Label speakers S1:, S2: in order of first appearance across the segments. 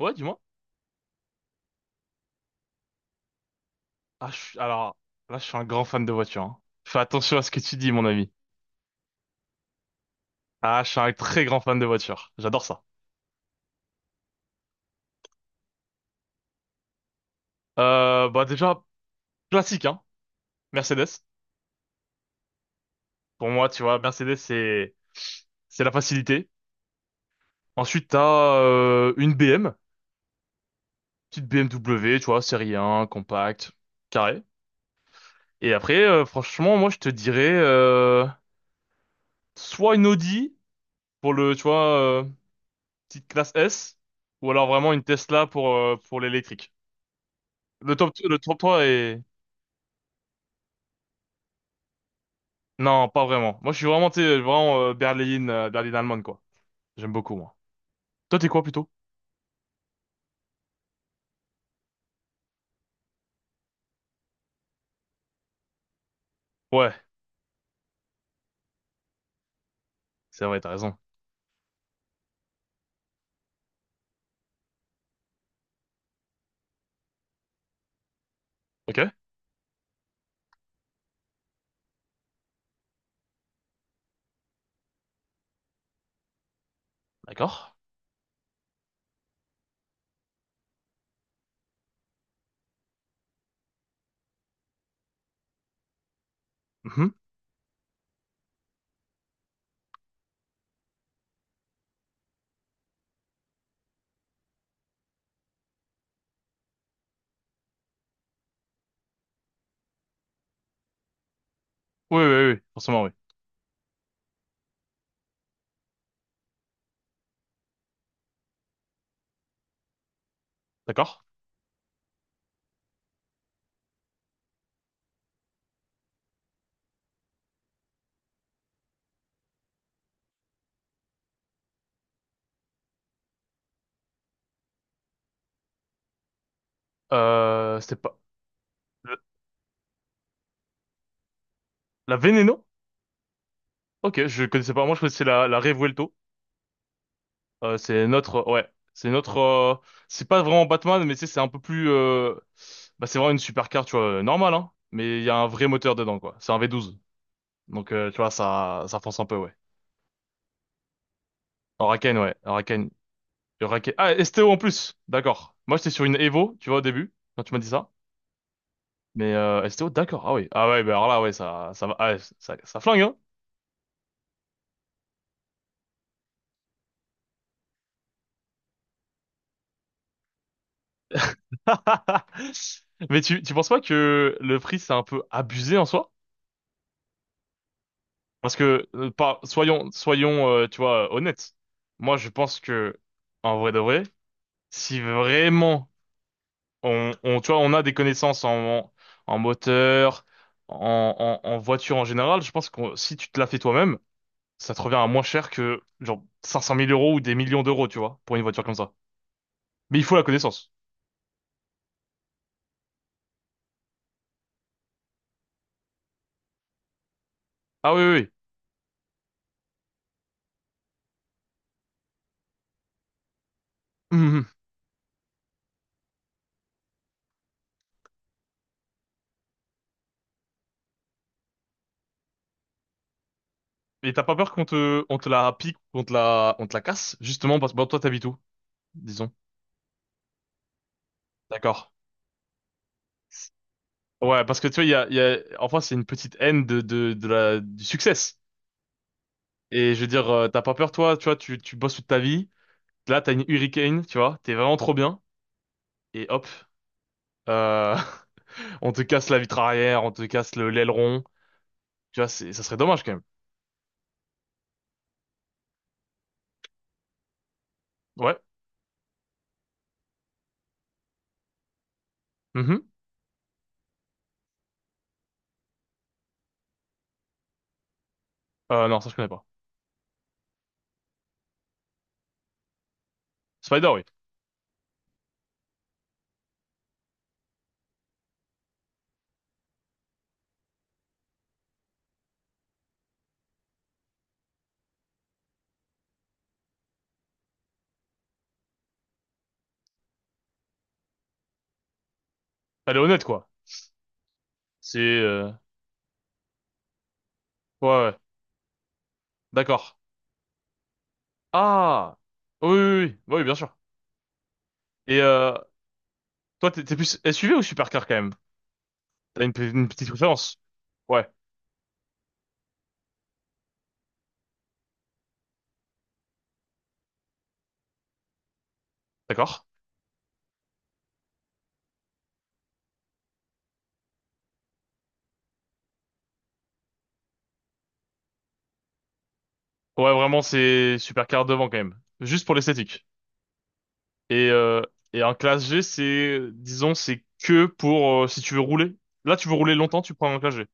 S1: Ouais, dis-moi. Ah, je suis- Alors, Là, je suis un grand fan de voiture, hein. Fais attention à ce que tu dis, mon ami. Ah, je suis un très grand fan de voiture. J'adore ça. Bah déjà, classique, hein. Mercedes. Pour moi, tu vois, Mercedes, c'est la facilité. Ensuite, t'as une BM. Petite BMW, tu vois, série 1, compacte, carré. Et après, franchement, moi, je te dirais soit une Audi pour le, tu vois, petite classe S, ou alors vraiment une Tesla pour l'électrique. Le top 3 est... Non, pas vraiment. Moi, je suis vraiment, tu sais, vraiment berline allemande, quoi. J'aime beaucoup, moi. Toi, t'es quoi, plutôt? Ouais, c'est vrai, t'as raison. Ok, d'accord. Mhm. Oui, oui, oui, forcément, oui. D'accord. C'était pas... le- La Veneno? Ok, je connaissais pas. Moi, je connaissais la Revuelto. C'est notre... Ouais, c'est notre... C'est pas vraiment Batman, mais tu sais, c'est un peu plus... Bah, c'est vraiment une supercar, tu vois, normale, hein. Mais il y a un vrai moteur dedans, quoi. C'est un V12. Donc, tu vois, ça fonce un peu, ouais. Oraken, ouais. Oraken. Oraken. Ah, STO en plus. D'accord. Moi, j'étais sur une Evo, tu vois, au début, quand tu m'as dit ça. Mais STO, d'accord. Ah oui. Ah ouais, bah alors là, ouais, ça va. Ah, ça flingue, hein. Mais tu penses pas que le prix, c'est un peu abusé en soi? Parce que, pas, soyons, tu vois, honnêtes. Moi, je pense que, en vrai de vrai, si vraiment on, tu vois, on a des connaissances en, en moteur, en voiture en général, je pense que si tu te la fais toi-même, ça te revient à moins cher que genre cinq cent mille euros ou des millions d'euros, tu vois, pour une voiture comme ça. Mais il faut la connaissance. Ah oui, oui, oui. Mhm. Et t'as pas peur on te la pique, on te la casse, justement, parce que bon, toi, t'habites où, disons. D'accord. Ouais, parce que tu vois, il y a, en France, c'est une petite haine de, du succès. Et je veux dire, t'as pas peur, toi, tu vois, tu bosses toute ta vie. Là, t'as une Hurricane, tu vois, t'es vraiment trop bien. Et hop, euh, on te casse la vitre arrière, on te casse le l'aileron. Tu vois, ça serait dommage quand même. Ouais. Mhm. Non, ça je connais pas. Spider, oui. Elle est honnête, quoi. C'est... euh, Ouais, ouais. D'accord. Ah! Oui, oui, oui. Oui, bah oui, bien sûr. Et toi, t'es plus SUV ou supercar, quand même? T'as une, une petite préférence? Ouais, d'accord. Ouais, vraiment, c'est supercar devant, quand même. Juste pour l'esthétique. Et, euh, et un classe G, c'est... Disons, c'est que pour... si tu veux rouler. Là, tu veux rouler longtemps, tu prends un classe G.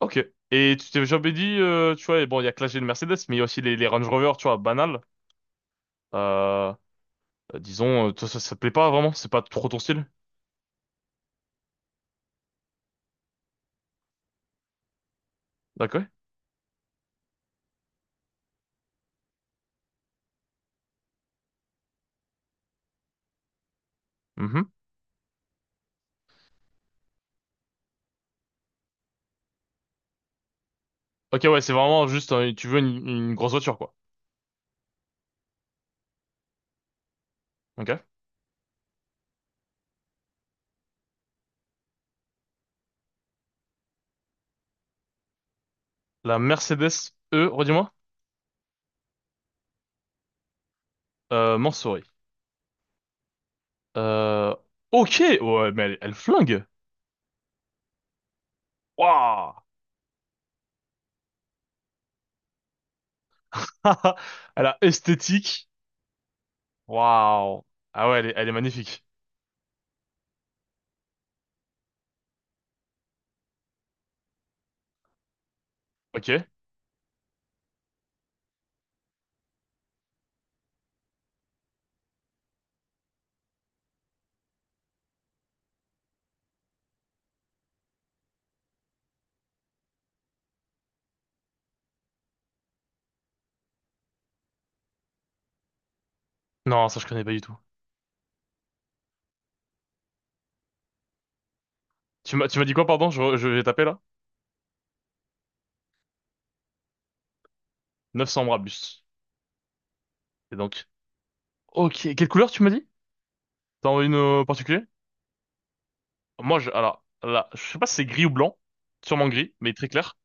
S1: Ok. Et tu t'es jamais dit, tu vois, et bon, il y a classe G de Mercedes, mais il y a aussi les Range Rover, tu vois, banal. Euh, disons, toi, ça te plaît pas vraiment? C'est pas trop ton style? D'accord. Mhm. Ok, ouais, c'est vraiment juste, tu veux une grosse voiture, quoi. Ok. La Mercedes E, redis-moi. Mansory. Euh, ok, ouais, mais elle, elle flingue. Waouh! Elle a esthétique. Waouh! Ah ouais, elle est magnifique. Ok. Non, ça, je connais pas du tout. Tu m'as dit quoi, pardon? Je vais taper, là? 900 Brabus. Et donc. Ok, quelle couleur tu m'as dit? T'en as une particulière. Moi, je, alors, là, je sais pas si c'est gris ou blanc, sûrement gris, mais très clair.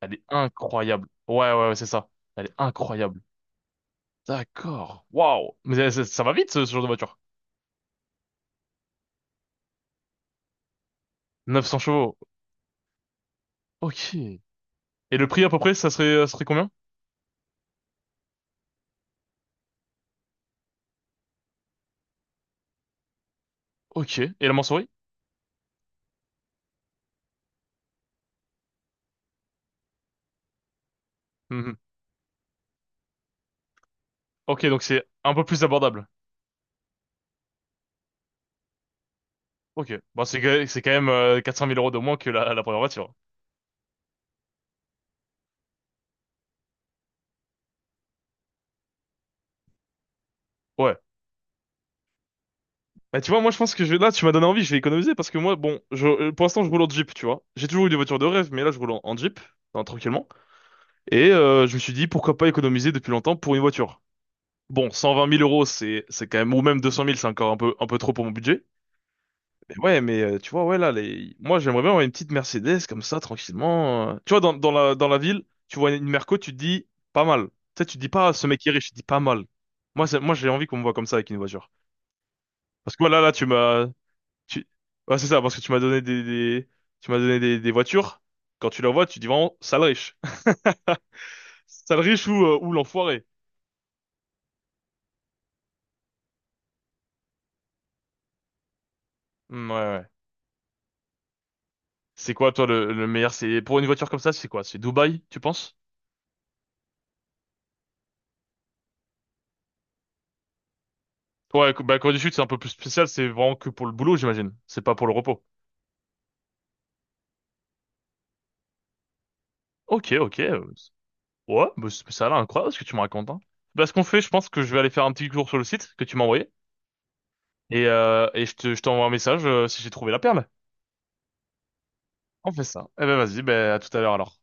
S1: Elle est incroyable. Ouais, ouais, ouais, c'est ça. Elle est incroyable. D'accord. Waouh. Mais ça va vite, ce genre de voiture. Neuf cents chevaux. Ok. Et le prix, à peu près, ça serait combien? Ok. Et la mensurie? Mhm. Ok, donc c'est un peu plus abordable. Ok. Bon, c'est quand même 400 mille euros de moins que la première voiture. Ouais. Bah, tu vois, moi, je pense que là, tu m'as donné envie, je vais économiser parce que moi, bon, pour l'instant, je roule en Jeep, tu vois. J'ai toujours eu des voitures de rêve, mais là, je roule en, en Jeep, hein, tranquillement. Et je me suis dit, pourquoi pas économiser depuis longtemps pour une voiture? Bon, 120 000 euros, c'est quand même, ou même 200 000, c'est encore un peu trop pour mon budget. Mais ouais, mais tu vois, ouais, là, les... moi, j'aimerais bien avoir une petite Mercedes, comme ça, tranquillement. Tu vois, dans la ville, tu vois une Merco, tu te dis, pas mal. Tu sais, tu te dis pas, ah, ce mec qui est riche, tu te dis pas mal. Moi, j'ai envie qu'on me voit comme ça avec une voiture. Parce que voilà, là, tu m'as, tu... ouais, c'est ça, parce que tu m'as donné des voitures. Quand tu la vois, tu dis vraiment, sale riche. Sale riche ou l'enfoiré. Mm, ouais, ouais. C'est quoi, toi, le meilleur? C'est pour une voiture comme ça, c'est quoi? C'est Dubaï, tu penses? Toi, bah, la Corée du Sud, c'est un peu plus spécial. C'est vraiment que pour le boulot, j'imagine. C'est pas pour le repos. Ok, ok. Ouais, ça a l'air incroyable ce que tu me racontes, hein. Bah, ce qu'on fait, je pense que je vais aller faire un petit tour sur le site que tu m'as envoyé et je t'envoie un message si j'ai trouvé la perle. On fait ça. Eh ben vas-y, ben à tout à l'heure alors.